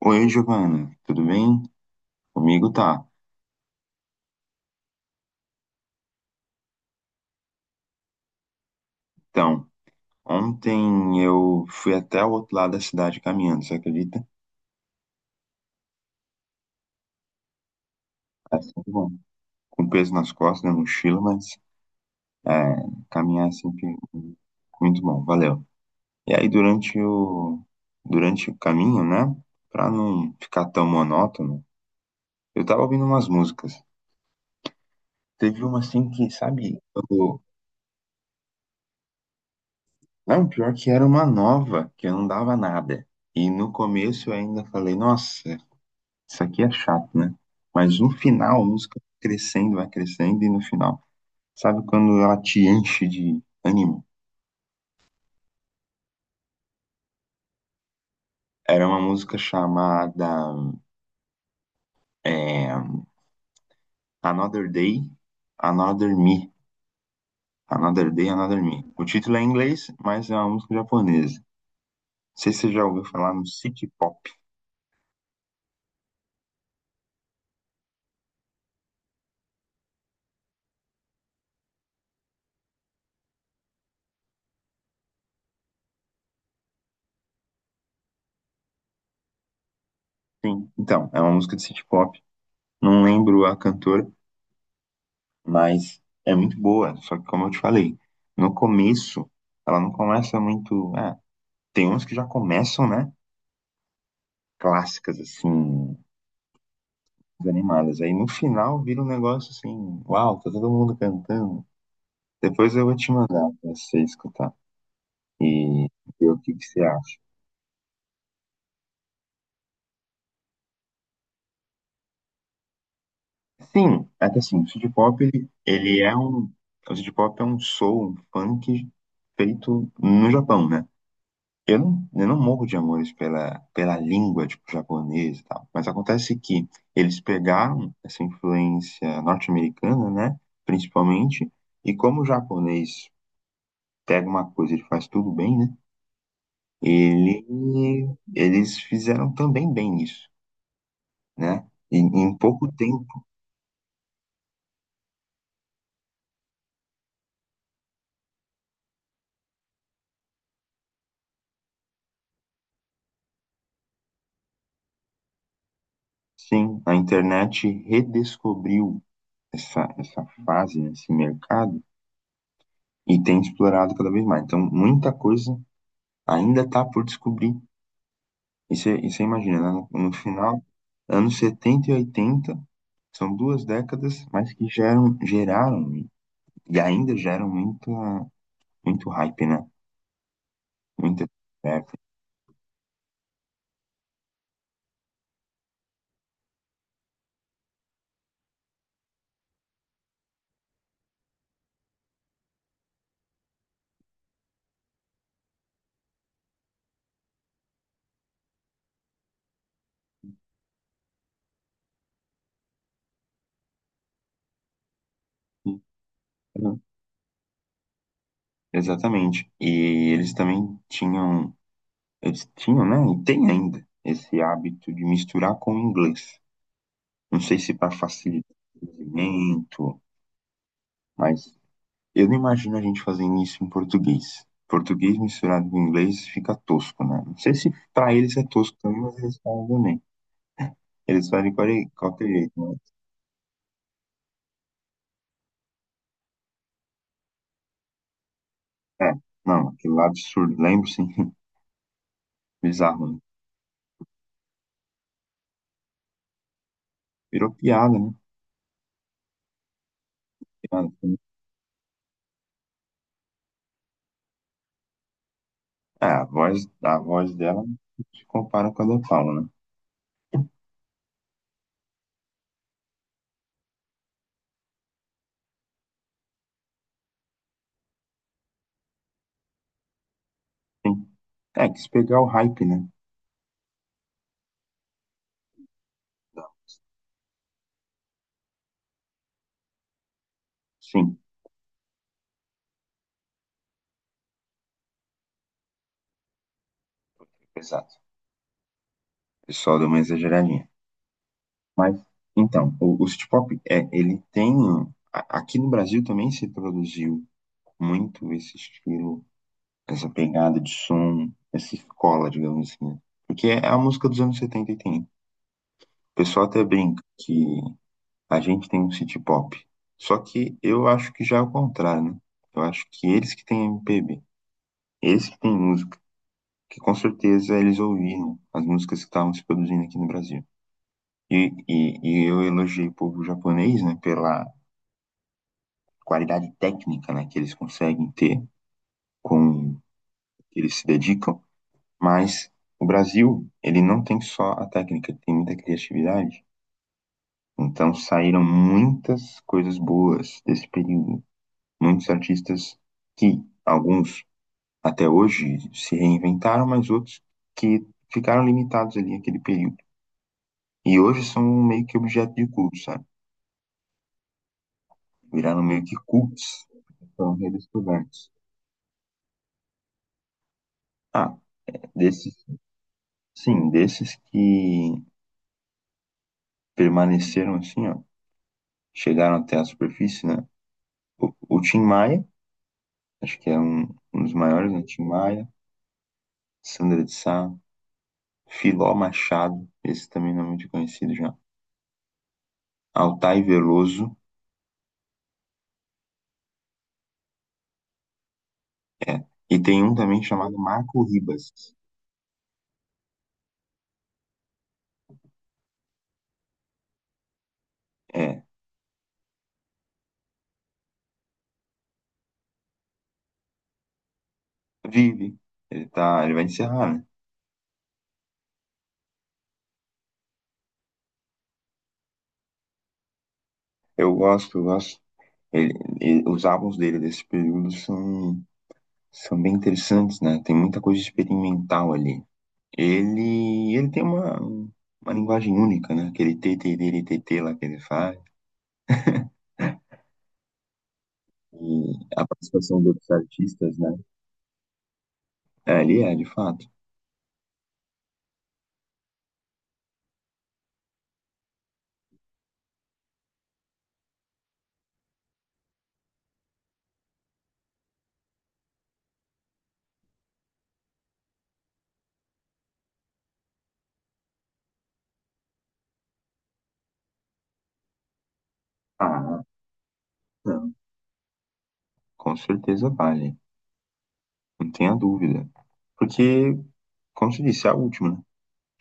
Oi, Giovana, tudo bem? Comigo tá. Então, ontem eu fui até o outro lado da cidade caminhando, você acredita? Assim, bom, com peso nas costas, na mochila, mas é, caminhar é sempre muito bom, valeu. E aí, durante o caminho, né, pra não ficar tão monótono, eu tava ouvindo umas músicas. Teve uma assim que, sabe, eu, não, pior que era uma nova, que eu não dava nada. E no começo eu ainda falei, nossa, isso aqui é chato, né? Mas no final, a música vai crescendo, e no final, sabe quando ela te enche de ânimo? Era uma música chamada é, Another Day, Another Me. Another Day, Another Me. O título é em inglês, mas é uma música japonesa. Não sei se você já ouviu falar no City Pop. Sim. Então, é uma música de City Pop. Não lembro a cantora, mas é muito boa. Só que, como eu te falei, no começo, ela não começa muito. Tem uns que já começam, né? Clássicas, assim, animadas. Aí no final vira um negócio assim, uau, tá todo mundo cantando. Depois eu vou te mandar pra você escutar e ver o que que você acha. Sim, é que assim, o City Pop, ele é um. O City Pop é um soul, um funk feito no Japão, né? Eu não morro de amores pela língua, tipo, japonesa e tal. Mas acontece que eles pegaram essa influência norte-americana, né? Principalmente. E como o japonês pega uma coisa, e ele faz tudo bem, né? Ele, eles fizeram também bem isso, né? E, em pouco tempo, sim, a internet redescobriu essa fase, né, esse mercado, e tem explorado cada vez mais. Então, muita coisa ainda está por descobrir. E você imagina, né? No final, anos 70 e 80 são duas décadas, mas que geram, geraram e ainda geram muita, muito hype, né? Muita conversa. E, né, exatamente. E eles também tinham, eles tinham, né? E tem ainda esse hábito de misturar com o inglês. Não sei se para facilitar o entendimento, mas eu não imagino a gente fazendo isso em português. Português misturado com inglês fica tosco, né? Não sei se pra eles é tosco também, mas eles falam também. Eles fazem de qualquer jeito, né? É, não, aquele lá absurdo. Lembro, sim. Bizarro, né? Virou piada, né? Piada, assim. É, a voz dela se compara com a da Paula, né? Sim. É, quis pegar o hype, né? Sim, exato. O pessoal deu uma exageradinha. Mas, então, o City Pop, ele tem um, aqui no Brasil também se produziu muito esse estilo, essa pegada de som, essa escola, digamos assim, né? Porque é a música dos anos 70 e tem. O pessoal até brinca que a gente tem um City Pop. Só que eu acho que já é o contrário, né? Eu acho que eles que têm MPB, eles que têm música, que com certeza eles ouviram as músicas que estavam se produzindo aqui no Brasil. E eu elogiei o povo japonês, né, pela qualidade técnica, né, que eles conseguem ter com que eles se dedicam, mas o Brasil, ele não tem só a técnica, tem muita criatividade. Então saíram muitas coisas boas desse período. Muitos artistas que, alguns até hoje, se reinventaram, mas outros que ficaram limitados ali naquele período. E hoje são meio que objeto de culto, sabe? Viraram meio que cultos, foram redescobertos. Ah, desses, sim, desses que permaneceram assim, ó, chegaram até a superfície, né? O Tim Maia, acho que é um, dos maiores, né? Tim Maia, Sandra de Sá, Filó Machado, esse também não é muito conhecido já. Altai Veloso, é. E tem um também chamado Marco Ribas, é. Vive, ele vai encerrar, né? Eu gosto, eu gosto. Ele, os álbuns dele desse período são bem interessantes, né? Tem muita coisa experimental ali. Ele tem uma linguagem única, né? Aquele tê-tê-tê-tê-tê lá que ele faz. E a participação de outros artistas, né? É, ele é, de fato. Ah, não, com certeza vale. Não tenha dúvida. Porque, como se disse, é a última, né?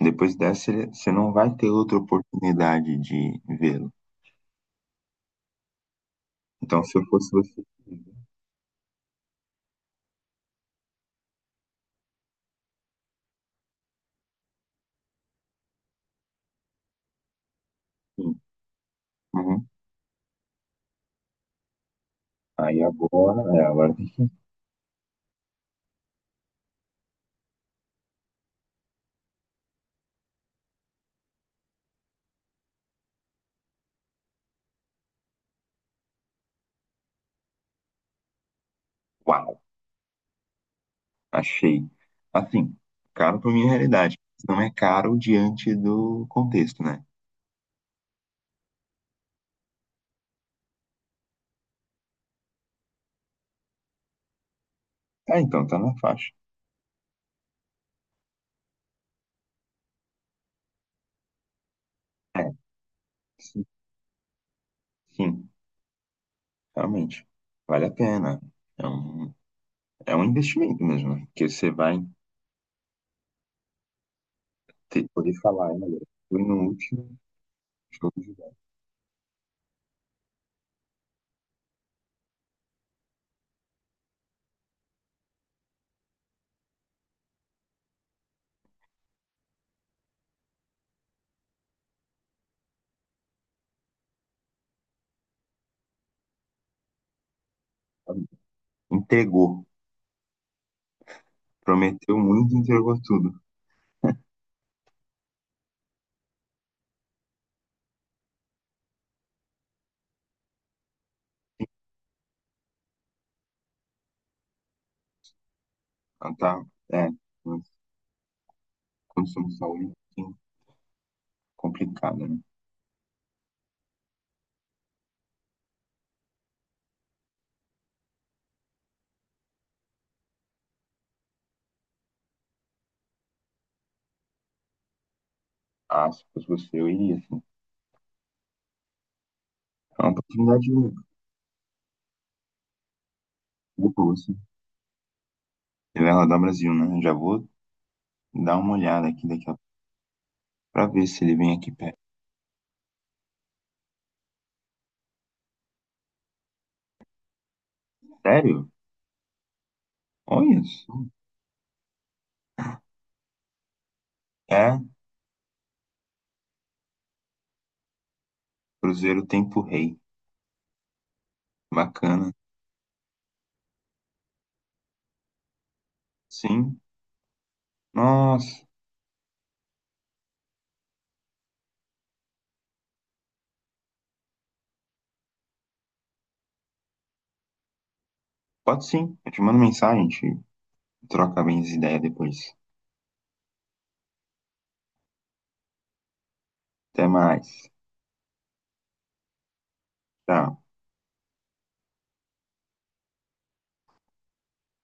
Depois dessa, ele- você não vai ter outra oportunidade de vê-lo. Então, se eu fosse você... Sim. Uhum. Aí agora... É, agora tem... Uau! Achei. Assim, caro para minha realidade. Não é caro diante do contexto, né? Ah, então tá na faixa. É, sim, sim, realmente. Vale a pena. É um, é um investimento mesmo, né? Porque você vai ter, poder falar, olha, fui no último show de bola. Entregou. Prometeu muito, entregou tudo. Ah, tá. É, mas condição de saúde sim, complicada, né? Ah, se fosse você, eu iria, assim. É uma oportunidade única. Depois, você vai rodar o Brasil, né? Já vou. Dá uma olhada aqui daqui a pouco pra ver se ele vem aqui perto. Sério? Olha isso. É, Cruzeiro Tempo Rei. Bacana. Sim. Nossa. Pode sim. Eu te mando mensagem, a gente troca bem as ideias depois. Até mais. Tchau.